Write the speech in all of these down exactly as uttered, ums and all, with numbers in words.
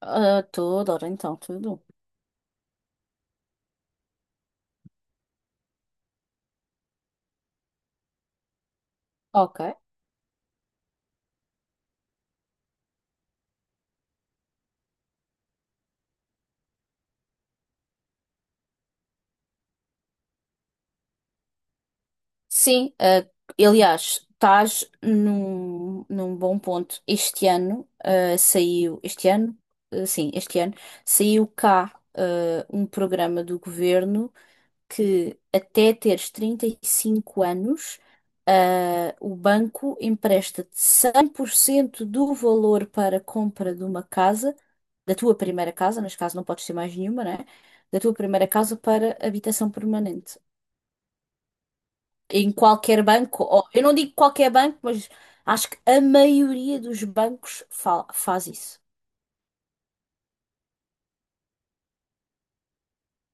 Ah, toda hora então, tudo. Ok. Sim, ah, aliás, estás num, num bom ponto. Este ano ah, saiu, este ano, Ah, sim, este ano, saiu cá ah, um programa do governo que até teres trinta e cinco anos, ah, o banco empresta-te cem por cento do valor para a compra de uma casa, da tua primeira casa, neste caso não podes ter mais nenhuma, né? Da tua primeira casa para habitação permanente. Em qualquer banco, ou- eu não digo qualquer banco, mas acho que a maioria dos bancos fa- faz isso.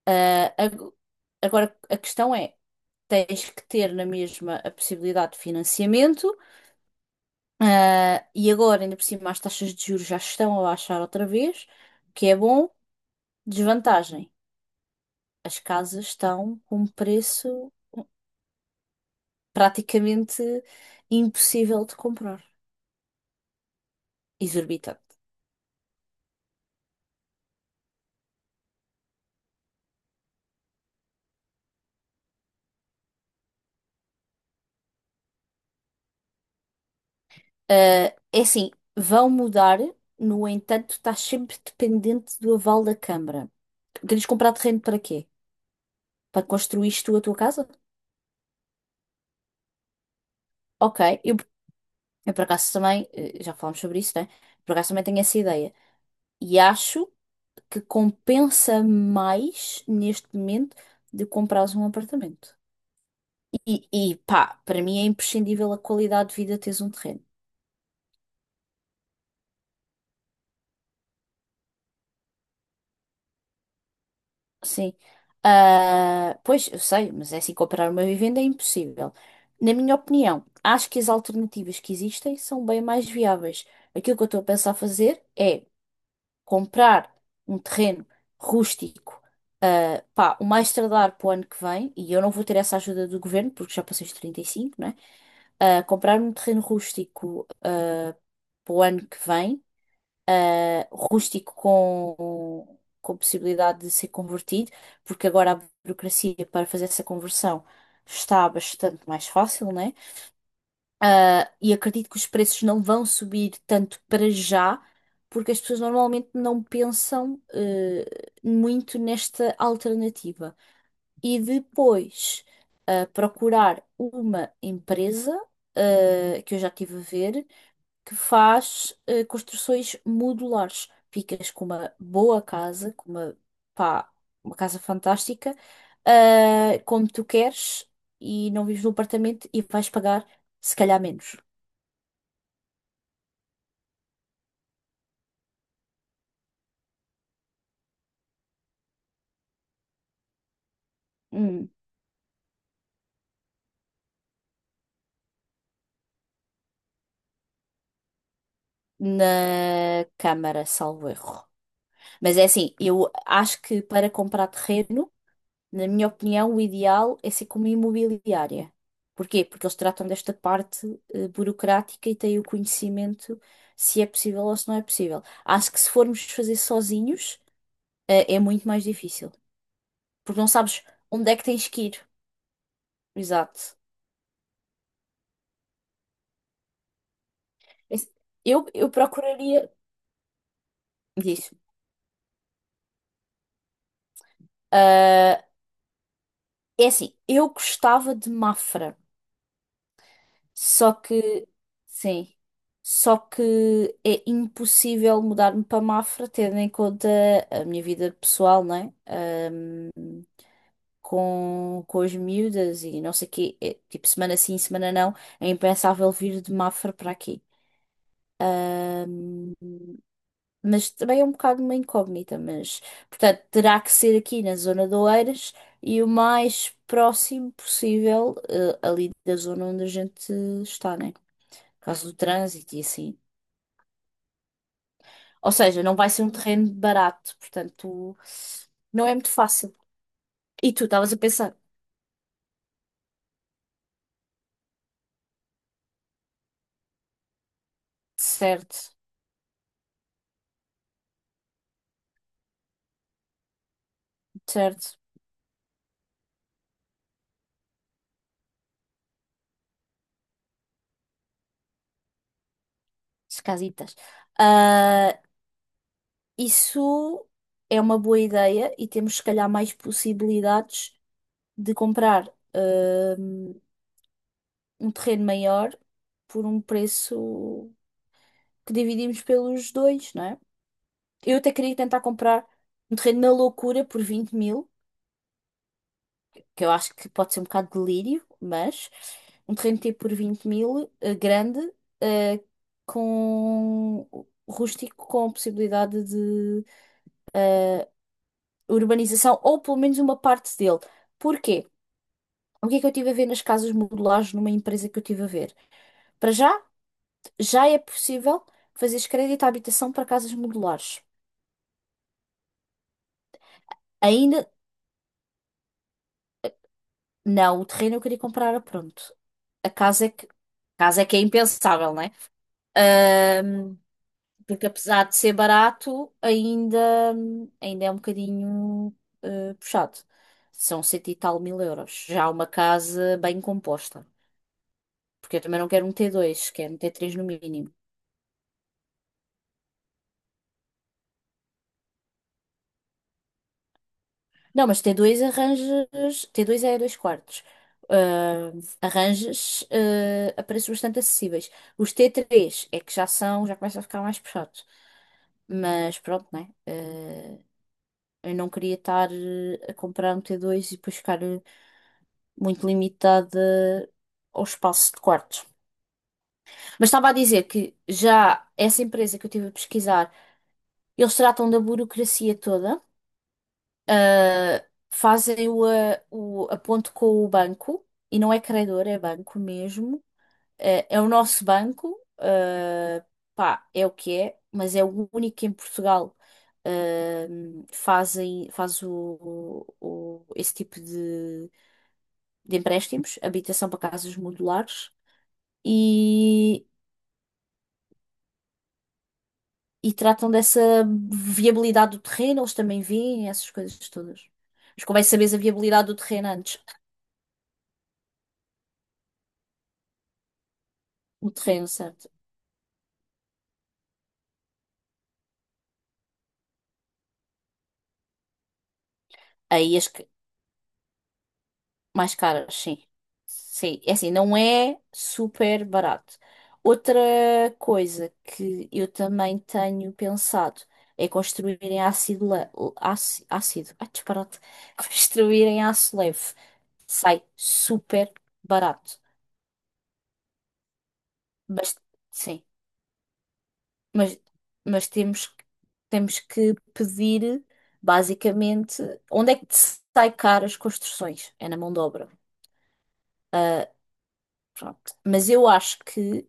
Ah, ag- Agora, a questão é, tens que ter na mesma a possibilidade de financiamento. Ah, e agora, ainda por cima, as taxas de juros já estão a baixar outra vez, o que é bom. Desvantagem: as casas estão com um preço praticamente impossível de comprar, exorbitante. Ah, É assim, vão mudar, no entanto, estás sempre dependente do aval da Câmara. Queres comprar terreno para quê? Para construir tu a tua casa? Ok, eu, eu por acaso também, eh, já falámos sobre isso, né? Por acaso também tenho essa ideia. E acho. Que compensa mais neste momento de comprares um apartamento. E, e pá, para mim é imprescindível a qualidade de vida teres um terreno. Sim. Ah, pois, eu sei, mas é assim, comprar uma vivenda é impossível. Na minha opinião, acho que as alternativas que existem são bem mais viáveis. Aquilo que eu estou a pensar fazer é comprar um terreno rústico, ah, pá, o mais tardar para o ano que vem, e eu não vou ter essa ajuda do governo, porque já passei os trinta e cinco, né? Ah, comprar um terreno rústico, ah, para o ano que vem, ah, Rústico com, com possibilidade de ser convertido, porque agora a burocracia para fazer essa conversão está bastante mais fácil, né? Ah, e acredito que os preços não vão subir tanto para já, porque as pessoas normalmente não pensam, eh, muito nesta alternativa. E depois, ah, procurar uma empresa, ah, que eu já tive a ver, que faz, eh, construções modulares. Ficas com uma boa casa, com uma, pá, uma casa fantástica, ah, como tu queres, e não vives num apartamento e vais pagar, se calhar, menos. Hum, na Câmara, salvo erro. Mas é assim, eu acho que para comprar terreno, na minha opinião, o ideal é ser como imobiliária. Porquê? Porque eles tratam desta parte eh, burocrática e têm o conhecimento se é possível ou se não é possível. Acho que se formos fazer sozinhos, eh, é muito mais difícil. Porque não sabes onde é que tens que ir. Exato. Esse- Eu, eu procuraria. Diz. Ah, É assim, eu gostava de Mafra. Só que, sim, só que é impossível mudar-me para Mafra, tendo em conta a minha vida pessoal, né? Ahm, com, com as miúdas e não sei o quê, é, tipo, semana sim, semana não, é impensável vir de Mafra para aqui. Ahm, mas também é um bocado uma incógnita, mas, portanto, terá que ser aqui na zona de Oeiras e o mais próximo possível, eh, ali da zona onde a gente está, né? Por causa do trânsito e assim. Ou seja, não vai ser um terreno barato, portanto, não é muito fácil. E tu estavas a pensar, certo, certo, as casitas. Ah, isso é uma boa ideia e temos, se calhar, mais possibilidades de comprar ah, um terreno maior por um preço que dividimos pelos dois, não é? Eu até queria tentar comprar um terreno na loucura por vinte mil que eu acho que pode ser um bocado de delírio, mas um terreno tipo por vinte mil, eh, grande, eh, com rústico, com possibilidade de eh, urbanização, ou pelo menos uma parte dele. Porquê? O que é que eu estive a ver nas casas modulares numa empresa que eu estive a ver? Para já, já é possível fazeres crédito à habitação para casas modulares. Ainda não, o terreno eu queria comprar a pronto. A casa é que, a casa é que é impensável, não é? Porque apesar de ser barato, ainda, ainda é um bocadinho eh, puxado. São cento e tal mil euros. Já uma casa bem composta. Porque eu também não quero um t dois quero um t três no mínimo. Não, mas t dois arranjas. T dois é dois quartos. Ah, Arranjas eh, a preços bastante acessíveis. Os t três é que já são, já começa a ficar mais puxado. Mas pronto, né? Eh, eu não queria estar eh, a comprar um t dois e depois ficar. Eh, muito limitada ao espaço de quartos. Mas estava a dizer que já essa empresa que eu estive a pesquisar, eles tratam da burocracia toda, ah, fazem o, a- o aponto com o banco, e não é credor, é banco mesmo. Eh, é o nosso banco, ah, pá, é o que é, mas é o único que em Portugal. ah, Fazem faz o, o- esse tipo de, de empréstimos, habitação para casas modulares. e, e tratam dessa viabilidade do terreno, eles também veem essas coisas todas. Mas como é que sabes a viabilidade do terreno antes? O terreno, certo? Aí as que- Mais caras, sim. Sim, é assim, não é super barato. Outra coisa que eu também tenho pensado é construir em ácido, le- áci- ácido, ah, disparate, construir em aço leve. Sai super barato. Mas, sim. Mas, mas temos, que- temos que pedir, basicamente, onde é que te sai caro as construções? É na mão de obra. Pronto. Mas eu acho que,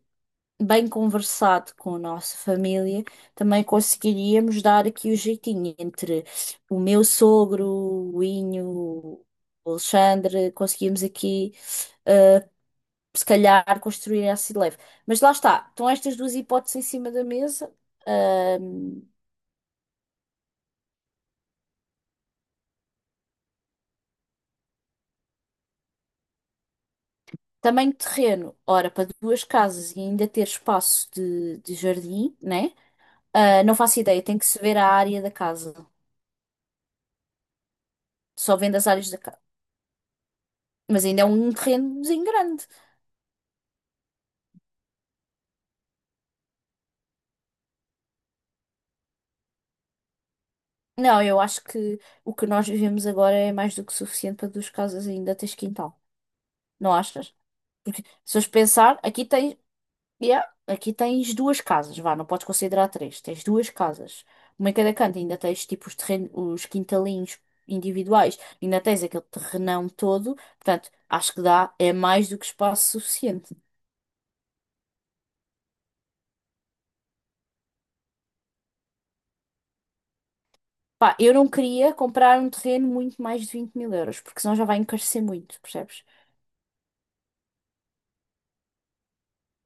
bem conversado com a nossa família, também conseguiríamos dar aqui o jeitinho entre o meu sogro, o Inho, o Alexandre, conseguimos aqui, eh, se calhar, construir essa leve. Mas lá está, estão estas duas hipóteses em cima da mesa. Tamanho de terreno, ora, para duas casas e ainda ter espaço de, de jardim, né? Ah, não faço ideia, tem que se ver a área da casa. Só vendo as áreas da casa. Mas ainda é um terrenozinho grande. Não, eu acho que o que nós vivemos agora é mais do que suficiente para duas casas e ainda tens quintal. Não achas? Porque se fores pensar, aqui tens. Yeah. Aqui tens duas casas, vá, não podes considerar três. Tens duas casas. Uma em cada canto, ainda tens tipo os terrenos, os quintalinhos individuais, ainda tens aquele terrenão todo. Portanto, acho que dá, é mais do que espaço suficiente. Pá, eu não queria comprar um terreno muito mais de vinte mil euros, porque senão já vai encarecer muito, percebes?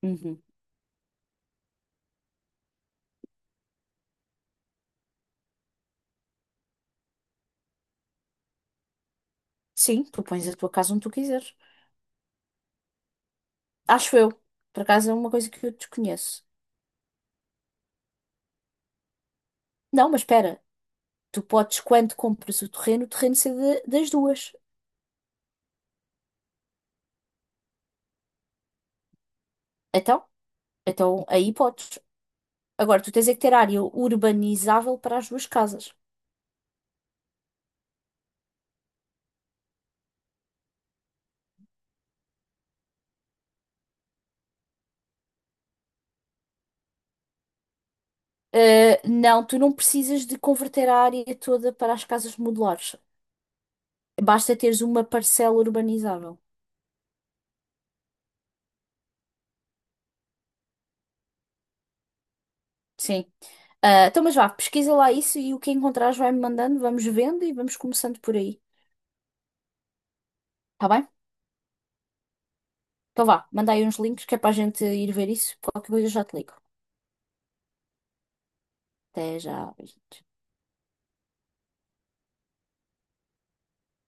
Uhum. Sim, tu pões a tua casa onde tu quiseres. Acho eu. Por acaso é uma coisa que eu desconheço. Não, mas espera, tu podes, quando compras o terreno, o terreno ser de- das duas. Então? Então aí podes. Agora, tu tens é que ter área urbanizável para as duas casas. Uh, não, tu não precisas de converter a área toda para as casas modulares. Basta teres uma parcela urbanizável. Sim. Uh, então, mas vá, pesquisa lá isso e o que encontrares vai-me mandando, vamos vendo e vamos começando por aí. Tá bem? Então vá, manda aí uns links que é para a gente ir ver isso. Qualquer coisa eu já te ligo. Até já. Beijinhos.